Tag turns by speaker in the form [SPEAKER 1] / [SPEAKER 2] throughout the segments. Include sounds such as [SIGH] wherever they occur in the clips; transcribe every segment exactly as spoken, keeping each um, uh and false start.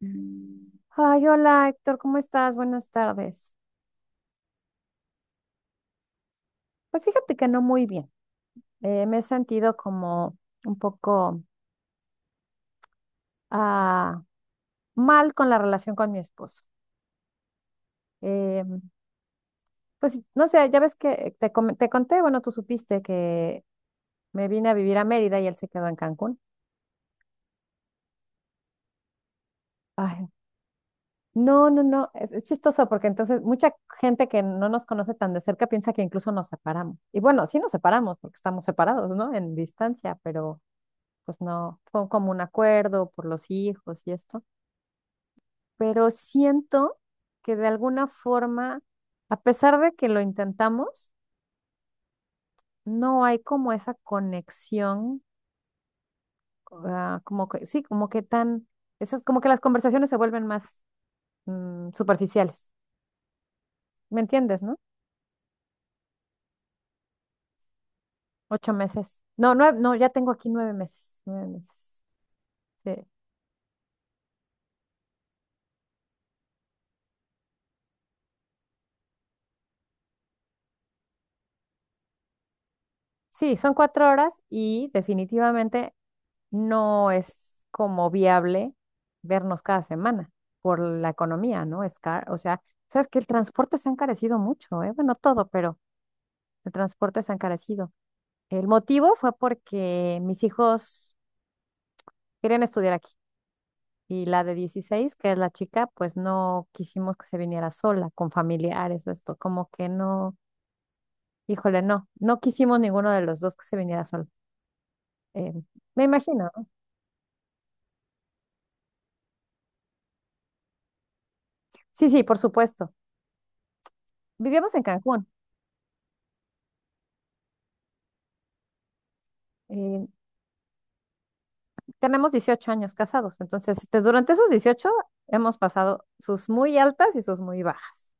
[SPEAKER 1] Mm, Ay, hola Héctor, ¿cómo estás? Buenas tardes. Pues fíjate que no muy bien. Eh, me he sentido como un poco ah, mal con la relación con mi esposo. Eh, pues no sé, ya ves que te, com- te conté, bueno, tú supiste que me vine a vivir a Mérida y él se quedó en Cancún. Ay, no, no, no, es, es chistoso porque entonces mucha gente que no nos conoce tan de cerca piensa que incluso nos separamos. Y bueno, sí nos separamos porque estamos separados, ¿no? En distancia, pero... pues no, fue como un acuerdo por los hijos y esto, pero siento que de alguna forma, a pesar de que lo intentamos, no hay como esa conexión, ah, como que, sí, como que tan, esas, como que las conversaciones se vuelven más mm, superficiales, ¿me entiendes, no? Ocho meses. No, nueve, no, ya tengo aquí nueve meses, nueve meses. Sí. Sí, son cuatro horas y definitivamente no es como viable vernos cada semana por la economía, ¿no? Es car- o sea, sabes que el transporte se ha encarecido mucho, ¿eh? Bueno, todo, pero el transporte se ha encarecido. El motivo fue porque mis hijos querían estudiar aquí y la de dieciséis, que es la chica, pues no quisimos que se viniera sola, con familiares o esto, como que no, híjole, no, no quisimos ninguno de los dos que se viniera sola. eh, me imagino, ¿no? Sí, sí, por supuesto. Vivíamos en Cancún. eh, tenemos dieciocho años casados, entonces este, durante esos dieciocho hemos pasado sus muy altas y sus muy bajas,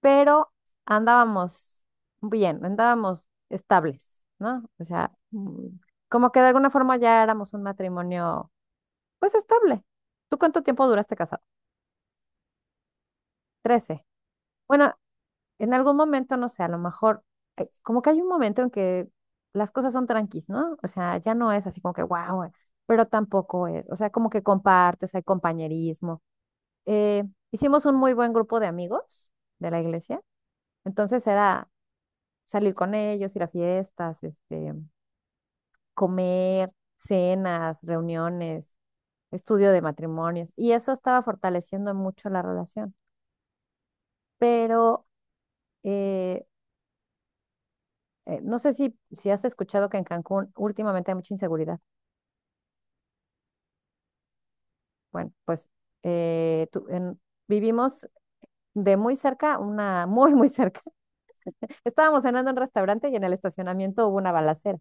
[SPEAKER 1] pero andábamos bien, andábamos estables, ¿no? O sea, mm, como que de alguna forma ya éramos un matrimonio, pues estable. ¿Tú cuánto tiempo duraste casado? Trece. Bueno, en algún momento, no sé, a lo mejor, eh, como que hay un momento en que las cosas son tranquis, ¿no? O sea, ya no es así como que, wow, pero tampoco es, o sea, como que compartes, hay compañerismo, eh, hicimos un muy buen grupo de amigos de la iglesia. Entonces era salir con ellos, ir a fiestas, este, comer, cenas, reuniones, estudio de matrimonios. Y eso estaba fortaleciendo mucho la relación. Pero eh, eh, no sé si, si has escuchado que en Cancún últimamente hay mucha inseguridad. Bueno, pues eh, tú- en- vivimos de muy cerca, una [LAUGHS] muy, muy cerca. [LAUGHS] Estábamos cenando en un restaurante y en el estacionamiento hubo una balacera.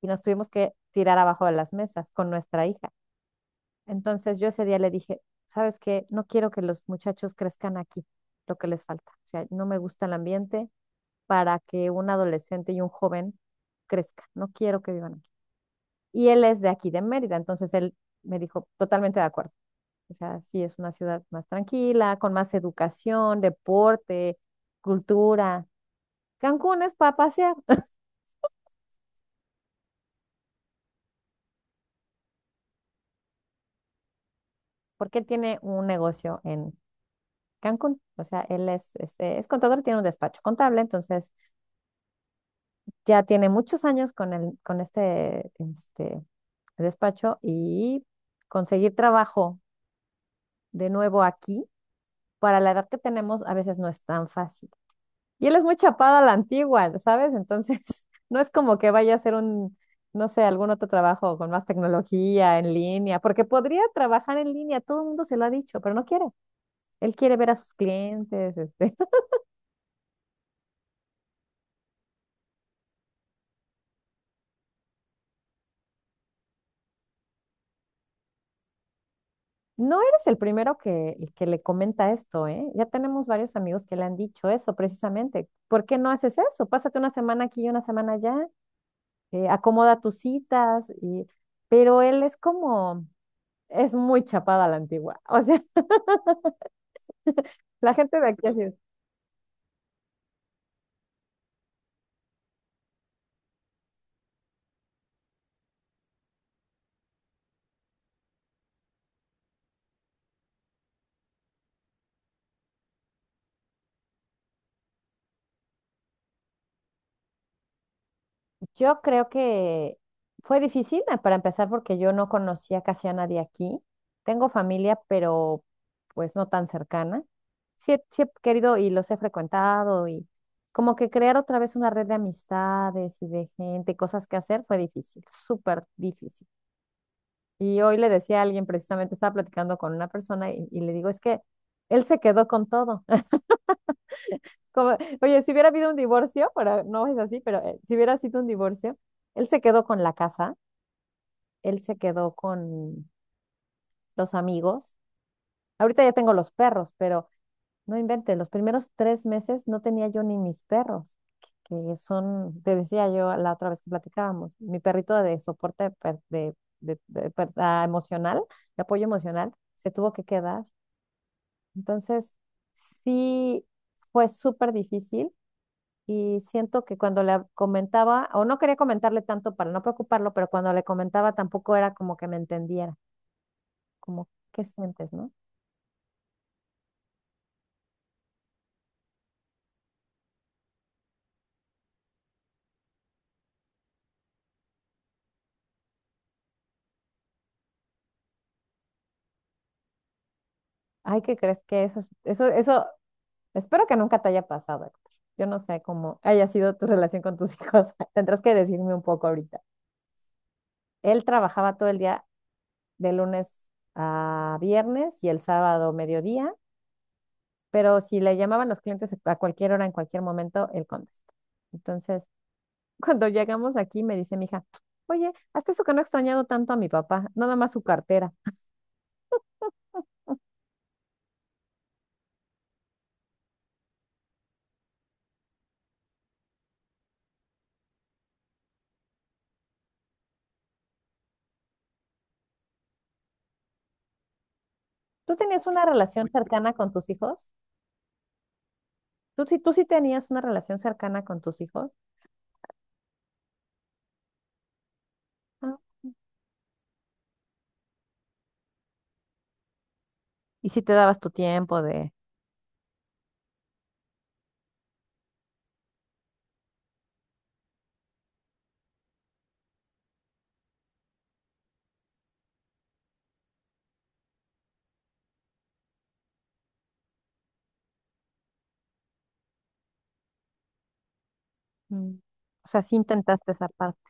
[SPEAKER 1] Y nos tuvimos que tirar abajo de las mesas con nuestra hija. Entonces yo ese día le dije, ¿sabes qué? No quiero que los muchachos crezcan aquí, lo que les falta. O sea, no me gusta el ambiente para que un adolescente y un joven crezca. No quiero que vivan aquí. Y él es de aquí, de Mérida, entonces él me dijo, totalmente de acuerdo. O sea, sí es una ciudad más tranquila, con más educación, deporte, cultura. Cancún es para pasear, porque él tiene un negocio en Cancún. O sea, él es, este, es contador, tiene un despacho contable, entonces ya tiene muchos años con, el, con este, este despacho y conseguir trabajo de nuevo aquí, para la edad que tenemos, a veces no es tan fácil. Y él es muy chapado a la antigua, ¿sabes? Entonces, [LAUGHS] no es como que vaya a hacer un, no sé, algún otro trabajo con más tecnología en línea, porque podría trabajar en línea, todo el mundo se lo ha dicho, pero no quiere. Él quiere ver a sus clientes, este. No eres el primero que, el que le comenta esto, ¿eh? Ya tenemos varios amigos que le han dicho eso precisamente. ¿Por qué no haces eso? Pásate una semana aquí y una semana allá, eh, acomoda tus citas y... Pero él es como, es muy chapada a la antigua. [LAUGHS] O sea, la gente de aquí así. Yo creo que fue difícil eh, para empezar porque yo no conocía casi a nadie aquí. Tengo familia, pero pues no tan cercana. Sí, he sí he querido y los he frecuentado y como que crear otra vez una red de amistades y de gente, cosas que hacer, fue difícil, súper difícil. Y hoy le decía a alguien, precisamente estaba platicando con una persona y, y le digo, es que él se quedó con todo. [LAUGHS] Como, oye, si hubiera habido un divorcio, pero no es así, pero eh, si hubiera sido un divorcio, él se quedó con la casa. Él se quedó con los amigos. Ahorita ya tengo los perros, pero no inventes, los primeros tres meses no tenía yo ni mis perros, que que son, te decía yo la otra vez que platicábamos, mi perrito de soporte per- de, de- de per- ah, emocional, de apoyo emocional, se tuvo que quedar. Entonces, sí fue súper difícil y siento que cuando le comentaba, o no quería comentarle tanto para no preocuparlo, pero cuando le comentaba tampoco era como que me entendiera. Como qué sientes, ¿no? Ay, ¿qué crees que eso, es- eso, eso, espero que nunca te haya pasado, Héctor. Yo no sé cómo haya sido tu relación con tus [LAUGHS] hijos. Tendrás que decirme un poco ahorita. Él trabajaba todo el día de lunes a viernes y el sábado mediodía, pero si le llamaban los clientes a cualquier hora, en cualquier momento, él contesta. Entonces, [LAUGHS] cuando llegamos aquí, me dice mi hija, oye, hasta eso que no he extrañado tanto a mi papá, nada más su cartera. ¿Tú tenías una relación cercana con tus hijos? Tú sí, tú sí tenías una relación cercana con tus hijos. Ah. Y sí te dabas tu tiempo de. Mm. O sea, sí intentaste esa parte.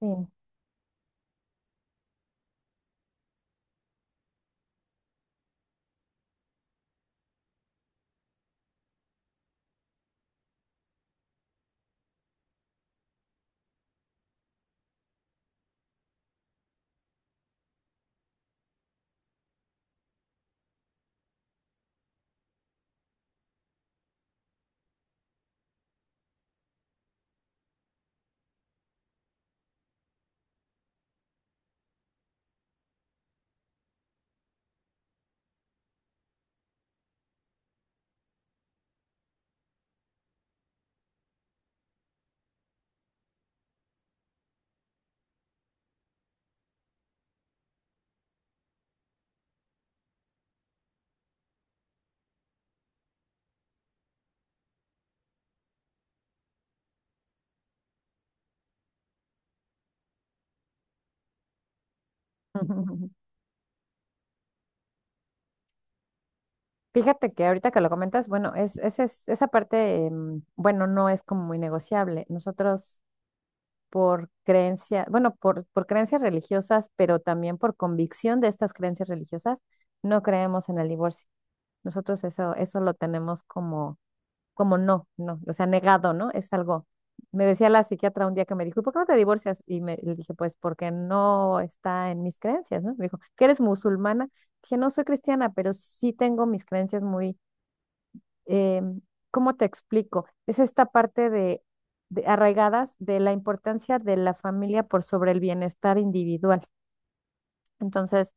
[SPEAKER 1] Sí. [LAUGHS] Fíjate que ahorita que lo comentas, bueno, es, ese es- esa parte, em, bueno, no es como muy negociable. Nosotros por creencia, bueno, por, por creencias religiosas, pero también por convicción de estas creencias religiosas, no creemos en el divorcio. Nosotros eso, eso lo tenemos como como no, no, o sea, negado, ¿no? Es algo. Me decía la psiquiatra un día que me dijo, ¿y por qué no te divorcias? Y me, le dije, pues porque no está en mis creencias, ¿no? Me dijo, ¿que eres musulmana? Dije, no soy cristiana, pero sí tengo mis creencias muy, eh, ¿cómo te explico? Es esta parte de, de arraigadas de la importancia de la familia por sobre el bienestar individual. Entonces,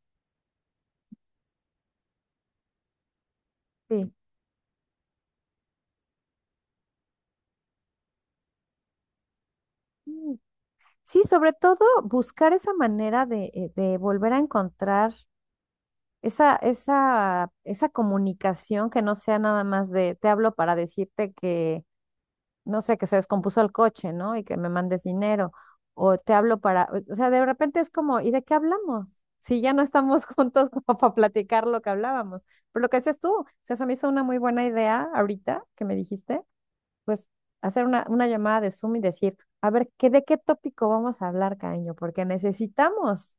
[SPEAKER 1] sí. Mm. Sí, sobre todo buscar esa manera de, eh, de volver a encontrar Esa, esa, esa comunicación que no sea nada más de te hablo para decirte que, no sé, que se descompuso el coche, ¿no? Y que me mandes dinero. O te hablo para, o sea, de repente es como, ¿y de qué hablamos? Si ya no estamos [LAUGHS] juntos como para platicar lo que hablábamos. Pero lo que haces tú, o sea, se me hizo una muy buena idea ahorita que me dijiste pues hacer una, una llamada de Zoom y decir, a ver, ¿qué, de qué tópico vamos a hablar, cariño? Porque necesitamos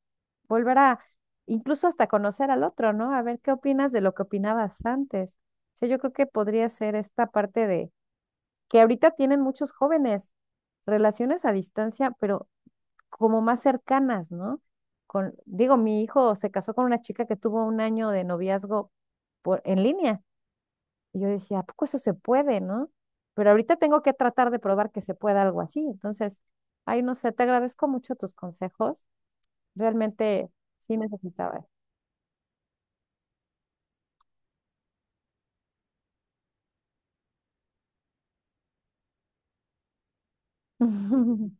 [SPEAKER 1] volver a, incluso hasta conocer al otro, ¿no? A ver, ¿qué opinas de lo que opinabas antes? O sea, yo creo que podría ser esta parte de, que ahorita tienen muchos jóvenes, relaciones a distancia, pero como más cercanas, ¿no? Con, digo, mi hijo se casó con una chica que tuvo un año de noviazgo por, en línea y yo decía, ¿a poco eso se puede, no? Pero ahorita tengo que tratar de probar que se pueda algo así. Entonces, ay, no sé, te agradezco mucho tus consejos. Realmente sí necesitaba eso. [LAUGHS]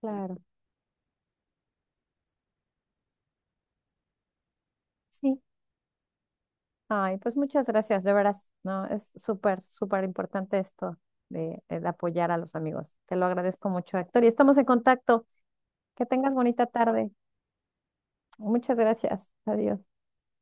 [SPEAKER 1] Claro, sí. Ay, pues muchas gracias, de veras, ¿no? Es súper, súper importante esto de, eh, de apoyar a los amigos. Te lo agradezco mucho, Héctor. Y estamos en contacto. Que tengas bonita tarde. Muchas gracias. Adiós.